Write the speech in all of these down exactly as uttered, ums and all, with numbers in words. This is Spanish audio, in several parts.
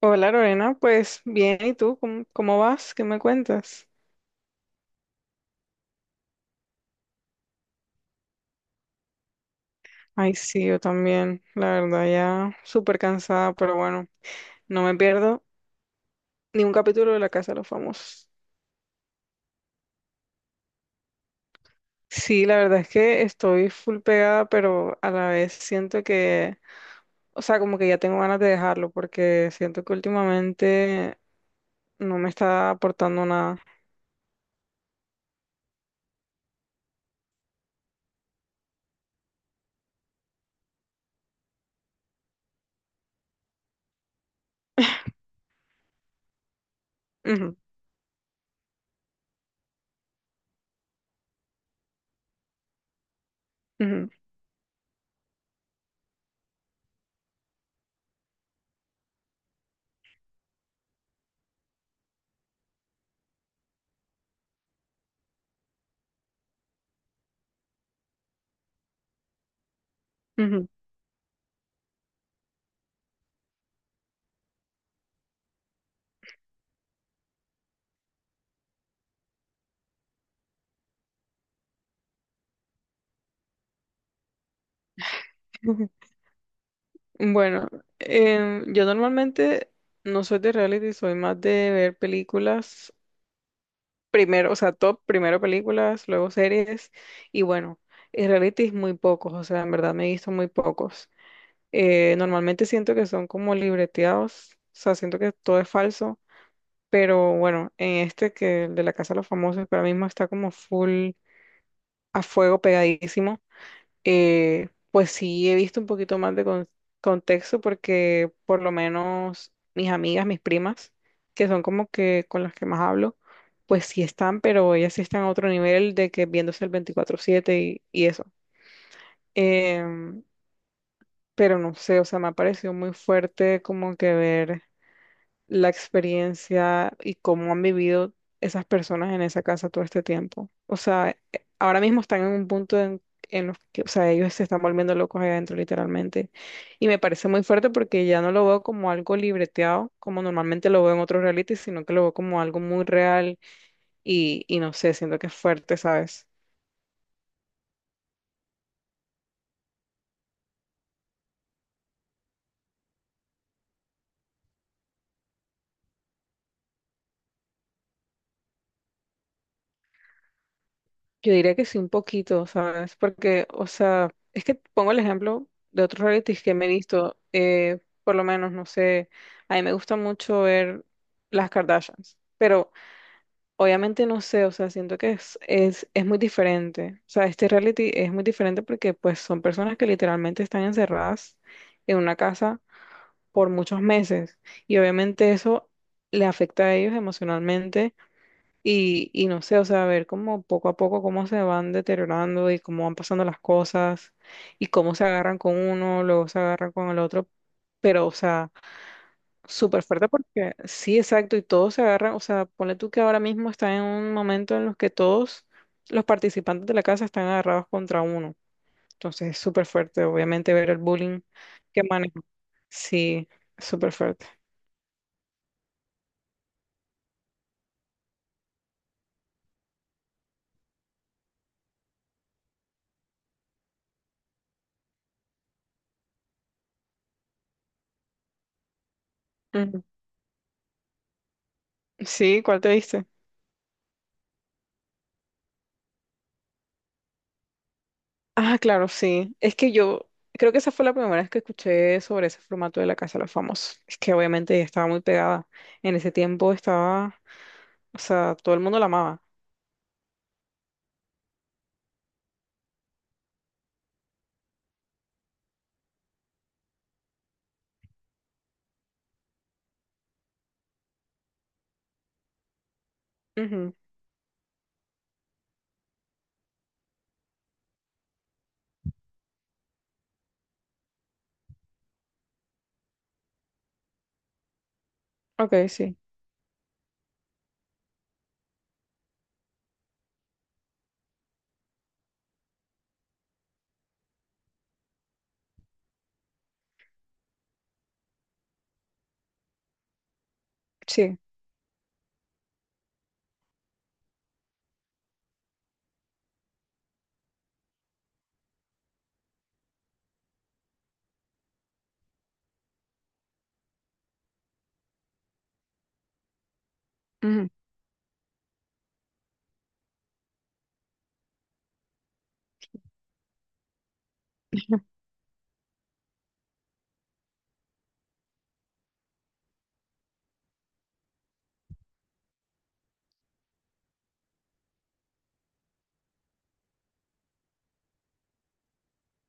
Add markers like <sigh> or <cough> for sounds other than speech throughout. Hola Lorena, pues bien, ¿y tú? ¿Cómo, cómo vas? ¿Qué me cuentas? Ay, sí, yo también, la verdad, ya súper cansada, pero bueno, no me pierdo ni un capítulo de La Casa de los Famosos. Sí, la verdad es que estoy full pegada, pero a la vez siento que, o sea, como que ya tengo ganas de dejarlo, porque siento que últimamente no me está aportando nada. Ujú, ujú, ujú. <laughs> Bueno, em, yo normalmente no soy de reality, soy más de ver películas primero, o sea, top, primero películas, luego series, y bueno, en reality muy pocos, o sea, en verdad me he visto muy pocos. Eh, normalmente siento que son como libreteados, o sea, siento que todo es falso, pero bueno, en este que el de la Casa de los Famosos para mí mismo está como full a fuego pegadísimo, eh, pues sí he visto un poquito más de con- contexto porque por lo menos mis amigas, mis primas, que son como que con las que más hablo, pues sí están, pero ellas sí están a otro nivel de que viéndose el veinticuatro siete y, y eso. Em, pero no sé, o sea, me ha parecido muy fuerte como que ver la experiencia y cómo han vivido esas personas en esa casa todo este tiempo. O sea, eh, ahora mismo están en un punto en, en los que, o sea, ellos se están volviendo locos ahí adentro, literalmente. Y me parece muy fuerte porque ya no lo veo como algo libreteado, como normalmente lo veo en otros realities, sino que lo veo como algo muy real y, y no sé, siento que es fuerte, ¿sabes? Yo diría que sí, un poquito, ¿sabes? Porque, o sea, es que pongo el ejemplo de otros realities que me he visto, eh, por lo menos, no sé, a mí me gusta mucho ver las Kardashians, pero obviamente no sé, o sea, siento que es, es, es muy diferente, o sea, este reality es muy diferente porque pues son personas que literalmente están encerradas en una casa por muchos meses y obviamente eso le afecta a ellos emocionalmente y, y no sé, o sea, ver cómo poco a poco cómo se van deteriorando y cómo van pasando las cosas y cómo se agarran con uno, luego se agarran con el otro. Pero, o sea, súper fuerte porque sí, exacto, y todos se agarran, o sea, ponle tú que ahora mismo está en un momento en los que todos los participantes de la casa están agarrados contra uno. Entonces es súper fuerte, obviamente, ver el bullying que manejan. Sí, súper fuerte. Ujú. Sí, ¿cuál te diste? Ah, claro, sí. Es que yo creo que esa fue la primera vez que escuché sobre ese formato de La Casa de los Famosos. Es que obviamente ya estaba muy pegada. En ese tiempo estaba, o sea, todo el mundo la amaba. Ujú. Ok, sí, sí. Ujú, <laughs>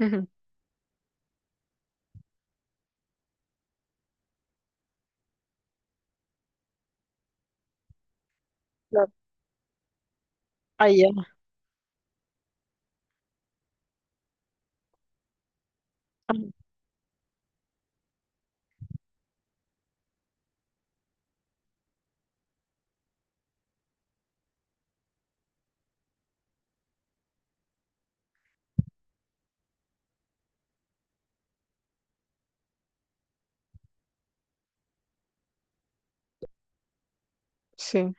ujú. Claro. Ahí ya. Ajá. Sí,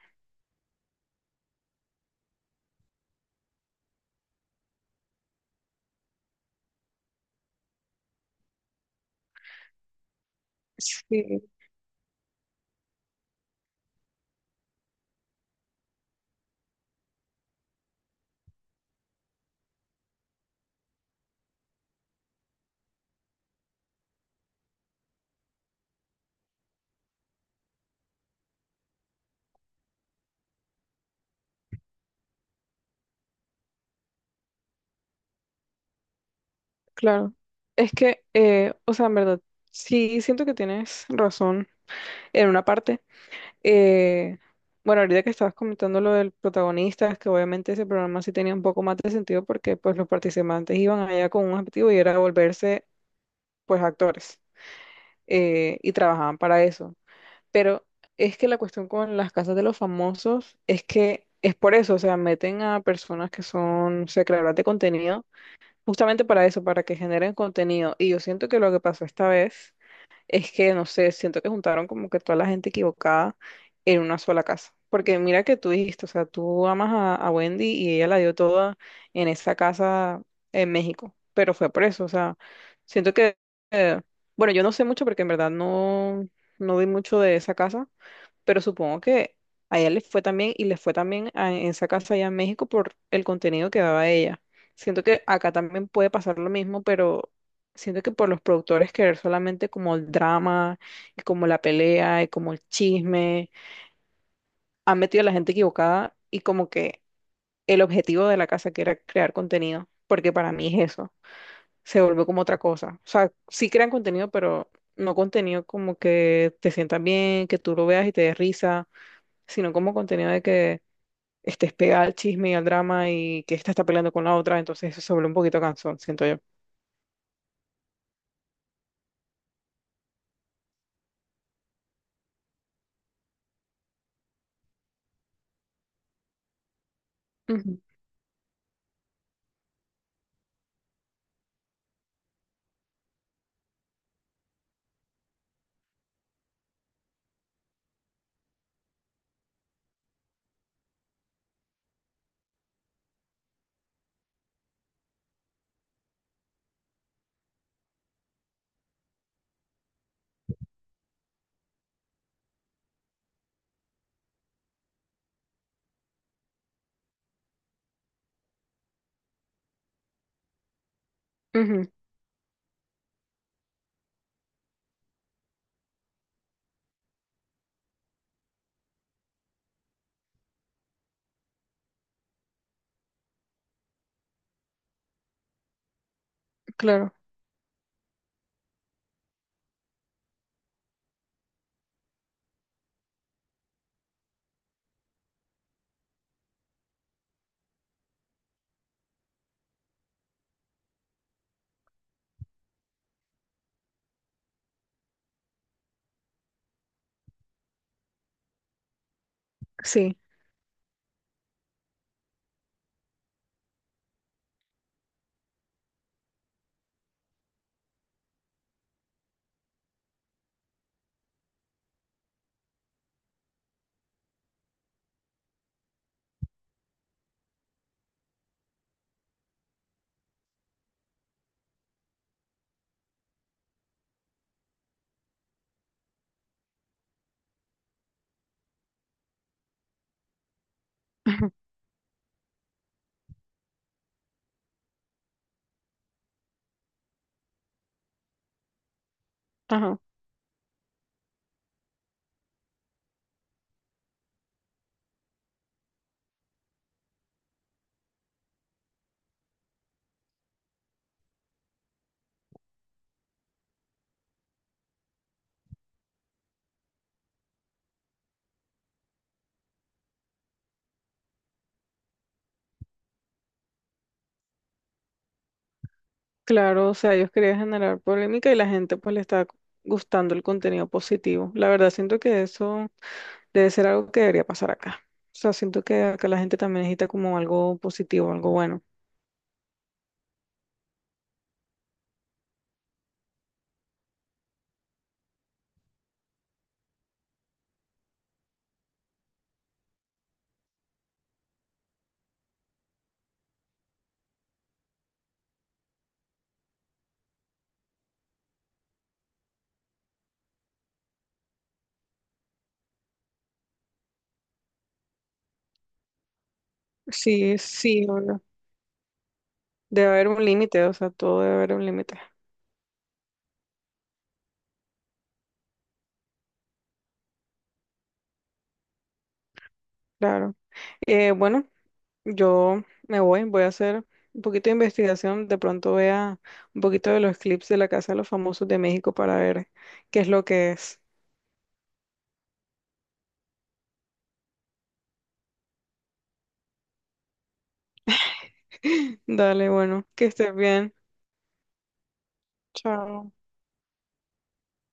sí, claro. Es que, eh, o sea, en verdad, sí siento que tienes razón en una parte. Eh, bueno, ahorita que estabas comentando lo del protagonista, es que obviamente ese programa sí tenía un poco más de sentido porque pues los participantes iban allá con un objetivo y era volverse pues actores, eh, y trabajaban para eso. Pero es que la cuestión con las casas de los famosos es que es por eso, o sea, meten a personas que son, o sea, creadoras de contenido justamente para eso, para que generen contenido. Y yo siento que lo que pasó esta vez es que, no sé, siento que juntaron como que toda la gente equivocada en una sola casa. Porque mira que tú dijiste, o sea, tú amas a, a Wendy y ella la dio toda en esa casa en México, pero fue por eso, o sea, siento que, eh, bueno, yo no sé mucho porque en verdad no, no vi mucho de esa casa, pero supongo que a ella le fue también y le fue también a- en esa casa allá en México por el contenido que daba ella. Siento que acá también puede pasar lo mismo, pero siento que por los productores querer solamente como el drama, y como la pelea, y como el chisme, han metido a la gente equivocada y como que el objetivo de la casa que era crear contenido, porque para mí es eso, se vuelve como otra cosa. O sea, sí crean contenido, pero no contenido como que te sientan bien, que tú lo veas y te des risa, sino como contenido de que estés pegada al chisme y al drama y que esta está peleando con la otra, entonces eso se vuelve un poquito cansón, siento yo. Ujú, ujú, claro, sí. <laughs> ujú, ajá, claro, o sea, ellos querían generar polémica y la gente pues le está gustando el contenido positivo. La verdad, siento que eso debe ser algo que debería pasar acá. O sea, siento que acá la gente también necesita como algo positivo, algo bueno. Sí, sí, no, no, debe haber un límite, o sea, todo debe haber un límite, claro. Eh, bueno. Yo me voy, voy a hacer un poquito de investigación, de pronto vea un poquito de los clips de la Casa de los Famosos de México para ver qué es lo que es. <laughs> Dale, bueno, que estés bien. Chao.